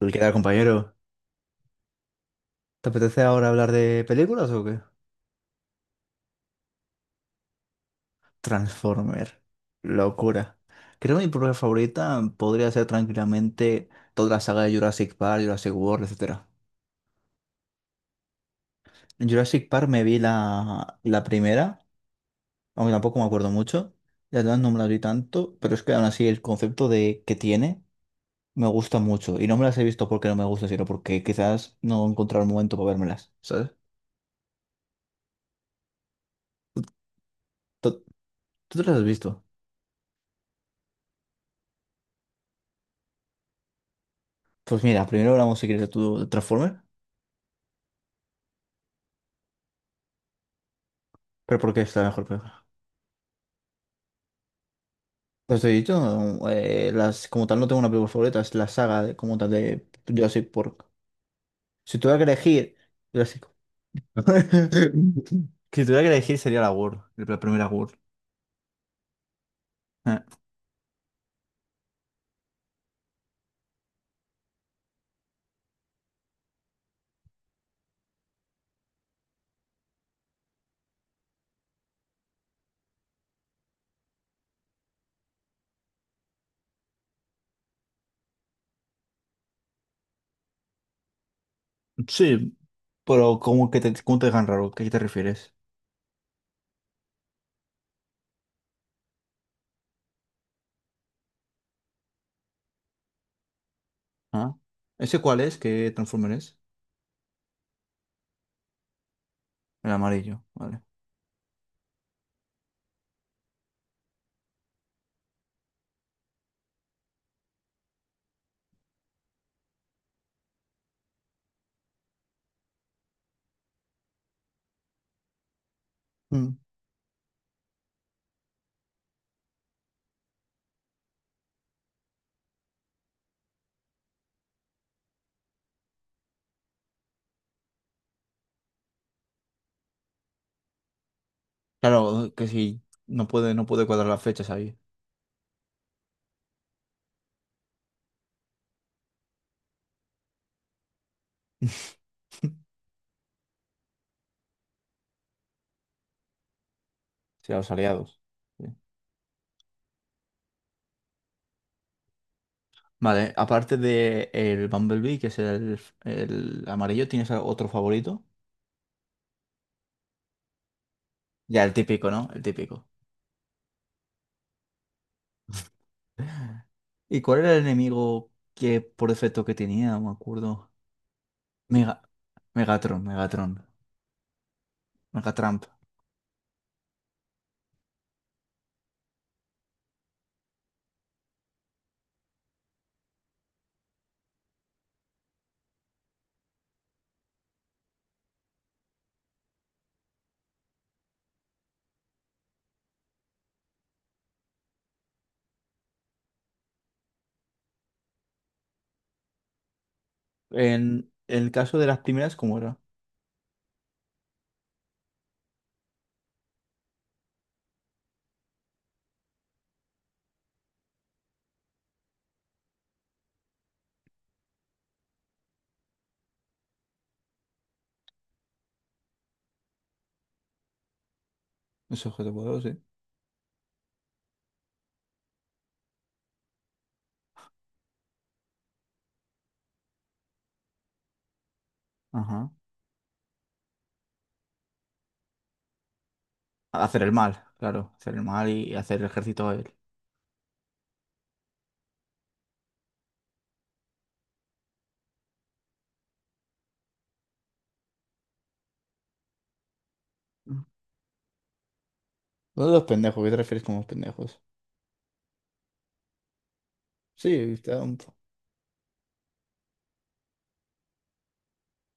Uy, ¿qué tal, compañero? ¿Te apetece ahora hablar de películas o qué? Transformer. Locura. Creo que mi propia favorita podría ser tranquilamente toda la saga de Jurassic Park, Jurassic World, etcétera. En Jurassic Park me vi la primera, aunque tampoco me acuerdo mucho. Las demás no me las vi tanto, pero es que aún así el concepto de que tiene me gusta mucho. Y no me las he visto porque no me gusta, sino porque quizás no he encontrado el momento para vérmelas, ¿sabes? ¿Tú, tú te las has visto? Pues mira, primero hablamos si quieres de tu Transformer. ¿Pero por qué es la mejor película? Pues te he dicho, las, como tal no tengo una película favorita, es la saga de, como tal de Jurassic Park. Si tuviera que elegir... Jurassic- Si tuviera que elegir sería la World, la primera World. Eh, Sí, pero ¿cómo que te, cómo te dejan raro? ¿A qué te refieres? ¿Ah? ¿Ese cuál es? ¿Qué Transformer es? El amarillo, vale. Mm. Claro, que si no puede, no puede cuadrar las fechas ahí. Si a los aliados. Sí. Vale, aparte de el Bumblebee, que es el amarillo, ¿tienes otro favorito? Ya, el típico, ¿no? El típico. ¿Y cuál era el enemigo que por defecto que tenía? No me acuerdo. Mega, Megatron, Megatron, Megatramp. En el caso de las primeras, ¿cómo era? Ese objeto poderoso, sí. Ajá. Hacer el mal, claro. Hacer el mal y hacer el ejército a él. Uno de los pendejos, ¿qué te refieres con los pendejos? Sí, está un...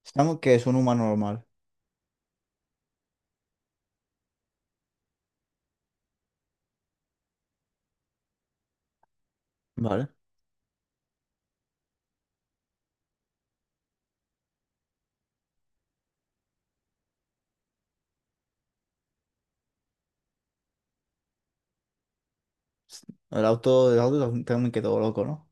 Estamos que es un humano normal. Vale. El auto también me quedó loco, ¿no?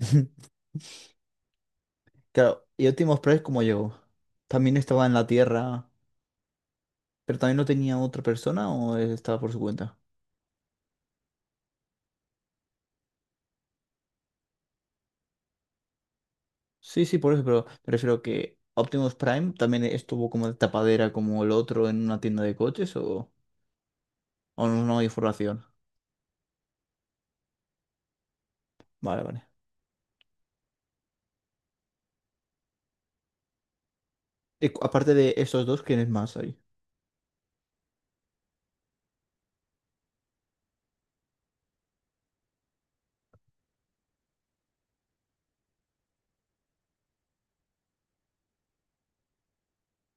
Claro, ¿y Optimus Prime cómo llegó? ¿También estaba en la Tierra, pero también no tenía otra persona o él estaba por su cuenta? Sí, sí, por eso, pero me refiero que Optimus Prime también estuvo como de tapadera como el otro en una tienda de coches o no, no hay información. Vale, vale. Y cu- aparte de esos dos, ¿quién es más ahí?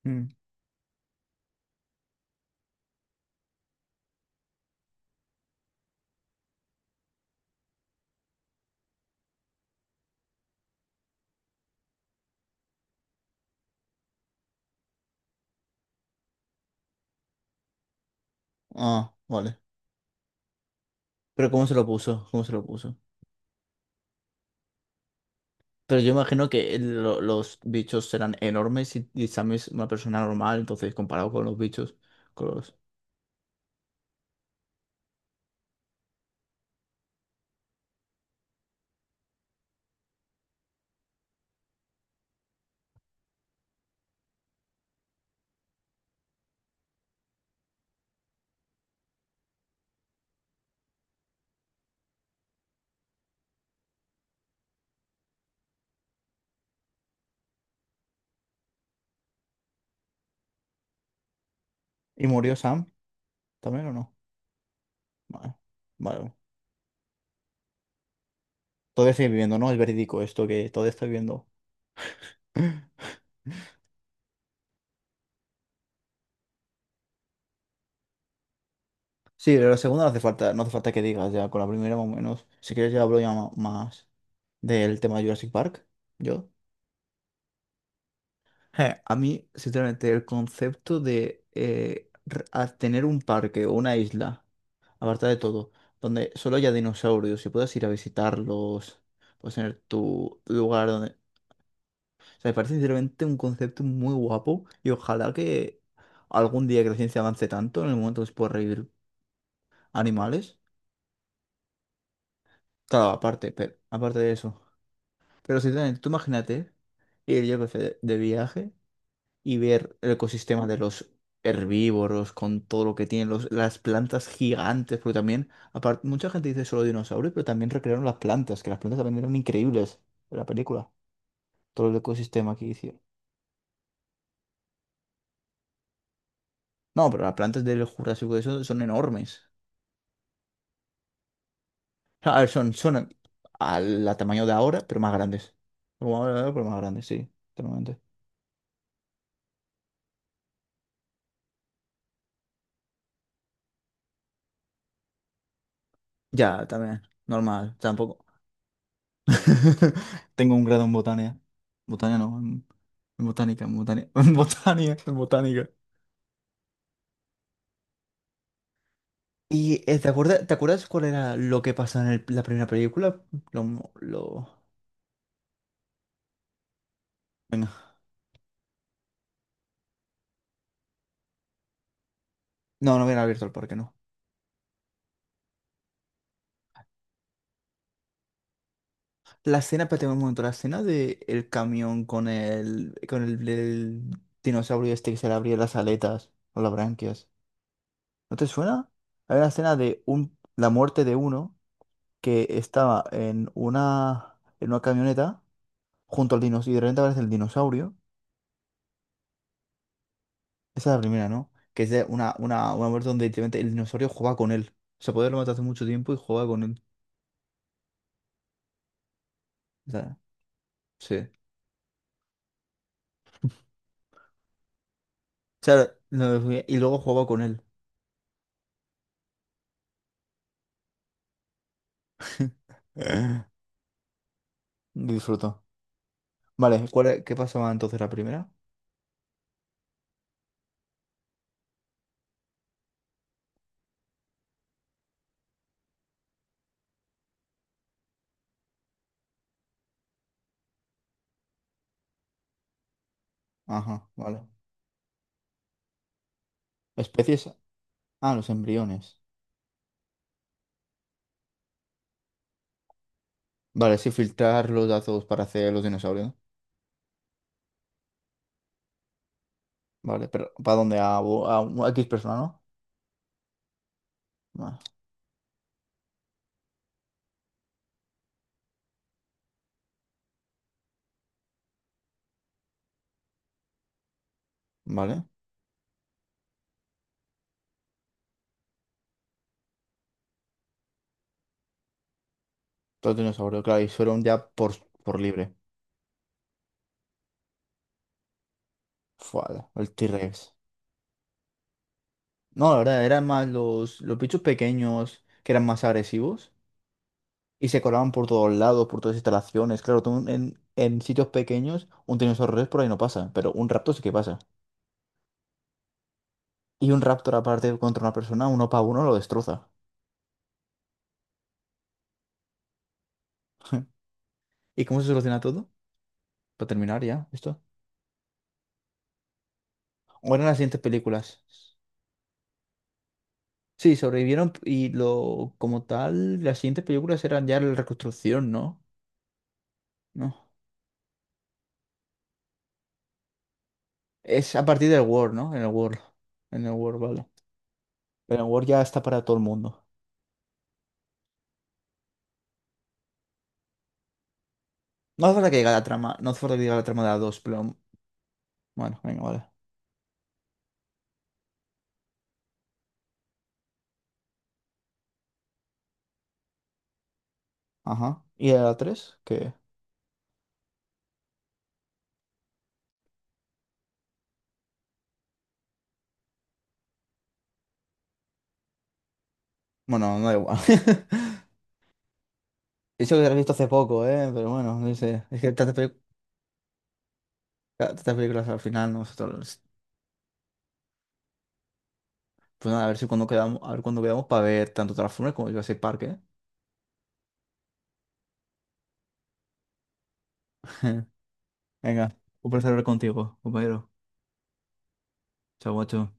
Mm. Ah, vale. Pero ¿cómo se lo puso? ¿Cómo se lo puso? Pero yo imagino que el- lo- los bichos serán enormes y Sam es una persona normal, entonces comparado con los bichos. Con los- ¿Y murió Sam también o no? Vale. Vale. Todavía sigue viviendo, ¿no? Es verídico esto que todavía está viviendo. Sí, pero la segunda no hace falta, no hace falta que digas ya, con la primera más o menos. Si quieres ya hablo ya ma- más del tema de Jurassic Park. Yo. A mí, sinceramente, el concepto de r- a tener un parque o una isla. Aparta de todo, donde solo haya dinosaurios y puedas ir a visitarlos, puedes tener tu lugar donde... O sea, me parece sinceramente un concepto muy guapo y ojalá que algún día que la ciencia avance tanto en el momento que se pueda revivir animales. Claro, aparte, pero, aparte de eso. Pero si tú imagínate ir, yo que sé, de viaje. Y ver el ecosistema de los herbívoros con todo lo que tienen los, las plantas gigantes, porque también, aparte, mucha gente dice solo dinosaurios, pero también recrearon las plantas, que las plantas también eran increíbles en la película, todo el ecosistema que hicieron. No, pero las plantas del Jurásico de eso son enormes. A ver, son, son al, al tamaño de ahora, pero más grandes. Como ahora, pero más grandes, sí, totalmente. Ya, también, normal, tampoco. Tengo un grado en botánica. Botánica no, en botánica, en botánica, en botánica. ¿Y te acuerdas cuál era lo que pasó en el- la primera película? Lo... Venga. No, no habían abierto el parque, no. La escena, espérate un momento, la escena de el camión con el dinosaurio este que se le abría las aletas o las branquias. ¿No te suena? Hay una escena de un, la muerte de uno que estaba en una camioneta junto al dinosaurio, y de repente aparece el dinosaurio. Esa es la primera, ¿no? Que es de una muerte donde literalmente el dinosaurio juega con él. O sea, poder lo mató hace mucho tiempo y jugaba con él. O sea, sí. O sea, lo- y luego jugaba con él. Disfruto. Vale, ¿cuál es- qué pasaba entonces la primera? Ajá, vale. Especies. Ah, los embriones. Vale, sí, filtrar los datos para hacer los dinosaurios, ¿no? Vale, pero ¿para dónde? A, bo- a un- a X persona, ¿no? Ah, vale. Todos dinosaurios, claro, y fueron ya por libre. Fua, el T-Rex. No, la verdad, eran más los bichos pequeños que eran más agresivos y se colaban por todos lados, por todas las instalaciones. Claro, tú en sitios pequeños, un tiranosaurio rex por ahí no pasa, pero un raptor sí que pasa. Y un raptor aparte contra una persona, uno para uno lo destroza. ¿Y cómo se soluciona todo? Para terminar ya, esto. ¿O eran las siguientes películas? Sí, sobrevivieron y lo como tal, las siguientes películas eran ya la reconstrucción, ¿no? No. Es a partir del World, ¿no? En el World. En el World, vale. Pero en Word ya está para todo el mundo. No hace falta que llegue la trama. No hace falta que llegue la trama de la 2, pero... Bueno, venga, vale. Ajá. ¿Y de la 3? Que... Bueno, no da igual. Eso que lo he visto hace poco, ¿eh? Pero bueno, no sé. Es que tantas pelic- tantas películas al final, ¿no? Nosotros... Pues nada, a ver si cuando quedamos, a ver cuándo quedamos para ver tanto Transformers como Jurassic Park, ¿eh? Venga, un placer hablar contigo, compañero. Chao, guacho.